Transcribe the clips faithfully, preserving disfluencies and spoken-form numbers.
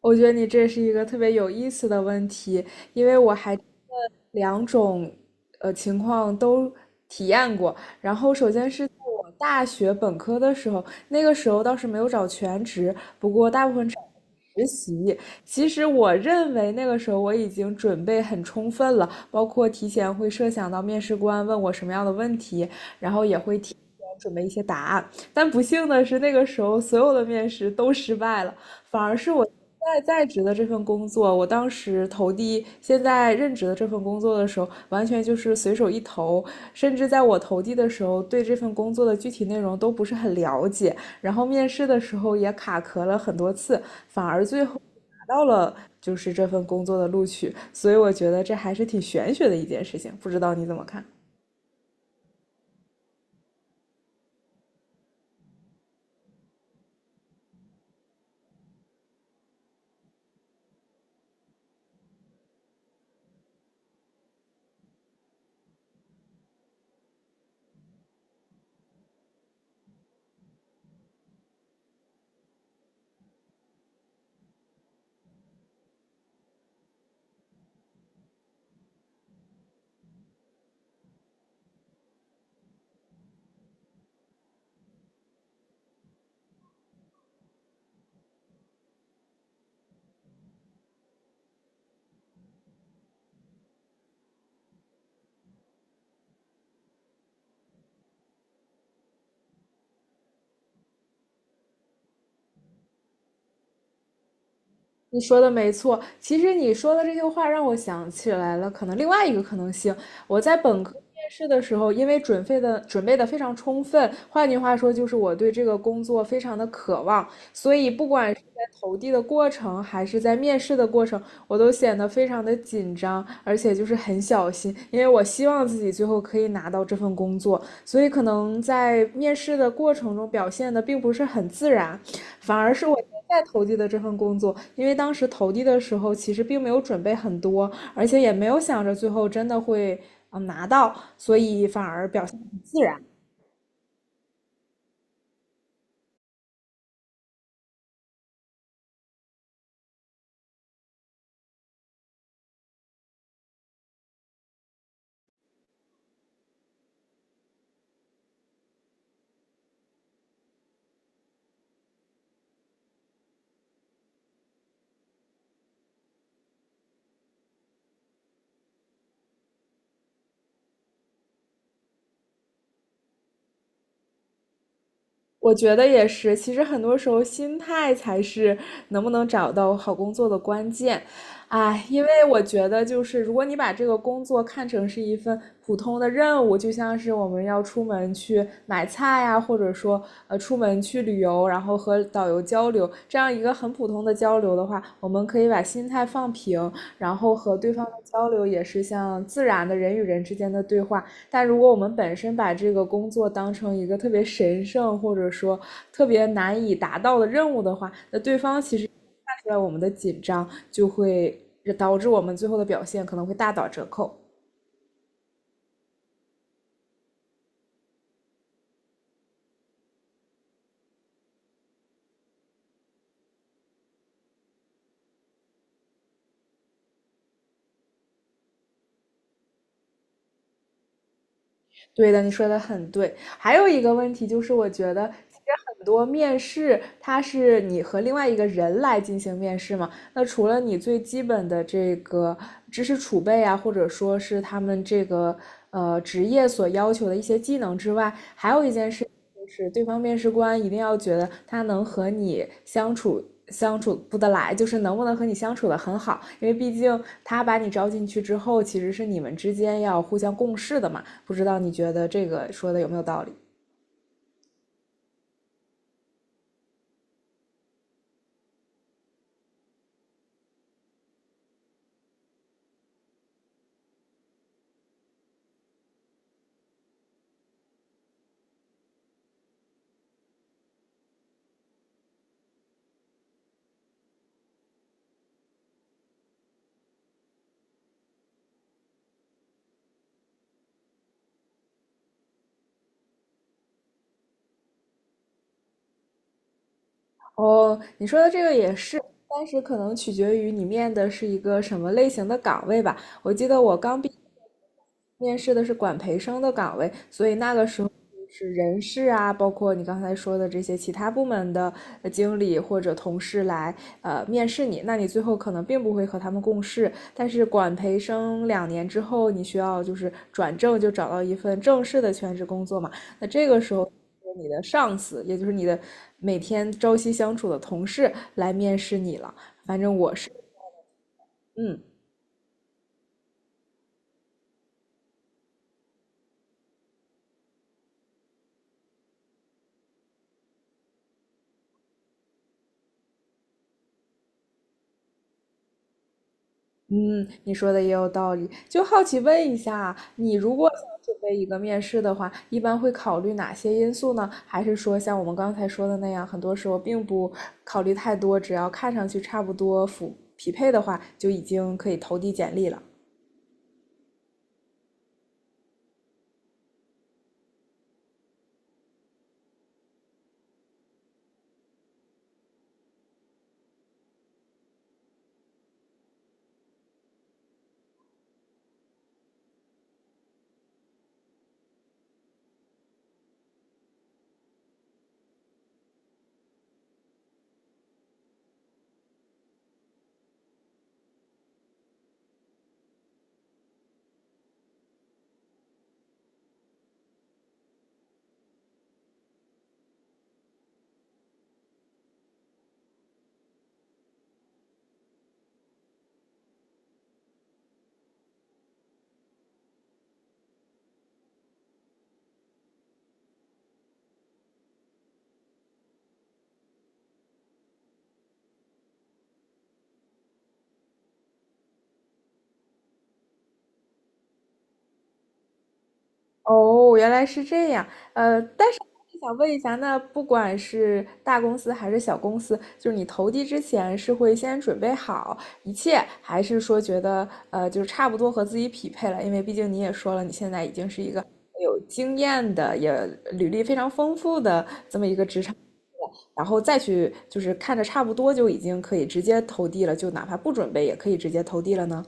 我觉得你这是一个特别有意思的问题，因为我还两种呃情况都体验过。然后首先是在我大学本科的时候，那个时候倒是没有找全职，不过大部分找实习。其实我认为那个时候我已经准备很充分了，包括提前会设想到面试官问我什么样的问题，然后也会提前准备一些答案。但不幸的是，那个时候所有的面试都失败了。反而是我现在在职的这份工作，我当时投递现在任职的这份工作的时候，完全就是随手一投，甚至在我投递的时候，对这份工作的具体内容都不是很了解，然后面试的时候也卡壳了很多次，反而最后拿到了就是这份工作的录取，所以我觉得这还是挺玄学的一件事情，不知道你怎么看？你说的没错，其实你说的这句话让我想起来了，可能另外一个可能性，我在本科面试的时候，因为准备的准备的非常充分，换句话说就是我对这个工作非常的渴望，所以不管是在投递的过程，还是在面试的过程，我都显得非常的紧张，而且就是很小心，因为我希望自己最后可以拿到这份工作，所以可能在面试的过程中表现的并不是很自然，反而是我现在投递的这份工作，因为当时投递的时候其实并没有准备很多，而且也没有想着最后真的会嗯拿到，所以反而表现很自然。我觉得也是，其实很多时候心态才是能不能找到好工作的关键。哎，因为我觉得就是，如果你把这个工作看成是一份普通的任务，就像是我们要出门去买菜呀、或者说呃出门去旅游，然后和导游交流，这样一个很普通的交流的话，我们可以把心态放平，然后和对方的交流也是像自然的人与人之间的对话，但如果我们本身把这个工作当成一个特别神圣或者说特别难以达到的任务的话，那对方其实看出来我们的紧张，就会导致我们最后的表现可能会大打折扣。对的，你说的很对。还有一个问题就是，我觉得其实很多面试，它是你和另外一个人来进行面试嘛。那除了你最基本的这个知识储备啊，或者说是他们这个呃职业所要求的一些技能之外，还有一件事就是对方面试官一定要觉得他能和你相处。相处不得来，就是能不能和你相处的很好，因为毕竟他把你招进去之后，其实是你们之间要互相共事的嘛。不知道你觉得这个说的有没有道理？哦，你说的这个也是，但是可能取决于你面的是一个什么类型的岗位吧。我记得我刚毕业面试的是管培生的岗位，所以那个时候就是人事啊，包括你刚才说的这些其他部门的呃经理或者同事来呃面试你，那你最后可能并不会和他们共事。但是管培生两年之后，你需要就是转正，就找到一份正式的全职工作嘛。那这个时候，你的上司，也就是你的每天朝夕相处的同事来面试你了。反正我是，嗯。嗯，你说的也有道理。就好奇问一下啊，你如果想准备一个面试的话，一般会考虑哪些因素呢？还是说像我们刚才说的那样，很多时候并不考虑太多，只要看上去差不多符匹配的话，就已经可以投递简历了？哦，原来是这样。呃，但是想问一下，那不管是大公司还是小公司，就是你投递之前是会先准备好一切，还是说觉得呃就是差不多和自己匹配了？因为毕竟你也说了，你现在已经是一个有经验的，也履历非常丰富的，然后再去就是看着差不多就已经可以直接投递了，就哪怕不准备也可以直接投递了呢？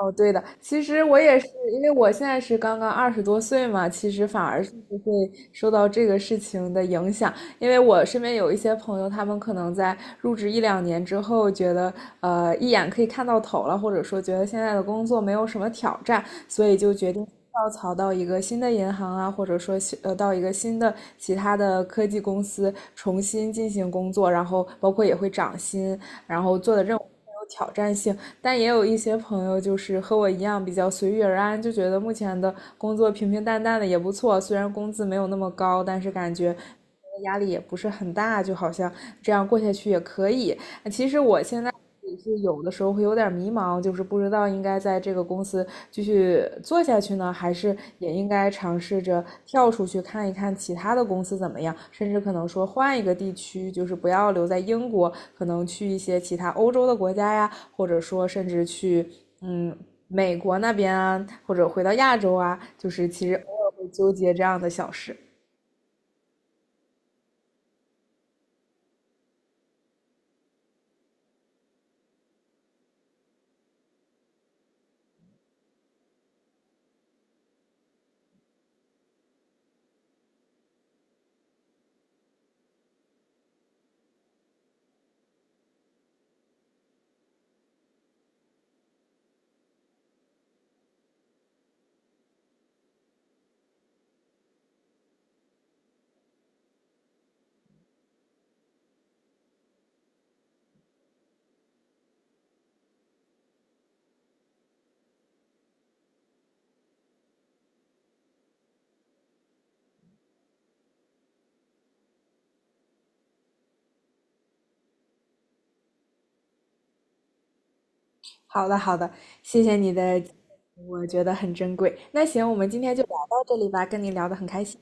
哦，对的，其实我也是，因为我现在是刚刚二十多岁嘛，其实反而是不会受到这个事情的影响，因为我身边有一些朋友，他们可能在入职一两年之后，觉得呃一眼可以看到头了，或者说觉得现在的工作没有什么挑战，所以就决定跳槽到一个新的银行啊，或者说新呃到一个新的其他的科技公司重新进行工作，然后包括也会涨薪，然后做的任务更有挑战性，但也有一些朋友就是和我一样比较随遇而安，就觉得目前的工作平平淡淡的也不错，虽然工资没有那么高，但是感觉压力也不是很大，就好像这样过下去也可以。是有的时候会有点迷茫，就是不知道应该在这个公司继续做下去呢，还是也应该尝试着跳出去看一看其他的公司怎么样，甚至可能说换一个地区，就是不要留在英国，可能去一些其他欧洲的国家呀，或者说甚至去嗯美国那边啊，或者回到亚洲啊，就是其实偶尔会纠结这样的小事。好的，好的，谢谢你的，我觉得很珍贵。那行，我们今天就聊到这里吧，跟你聊得很开心。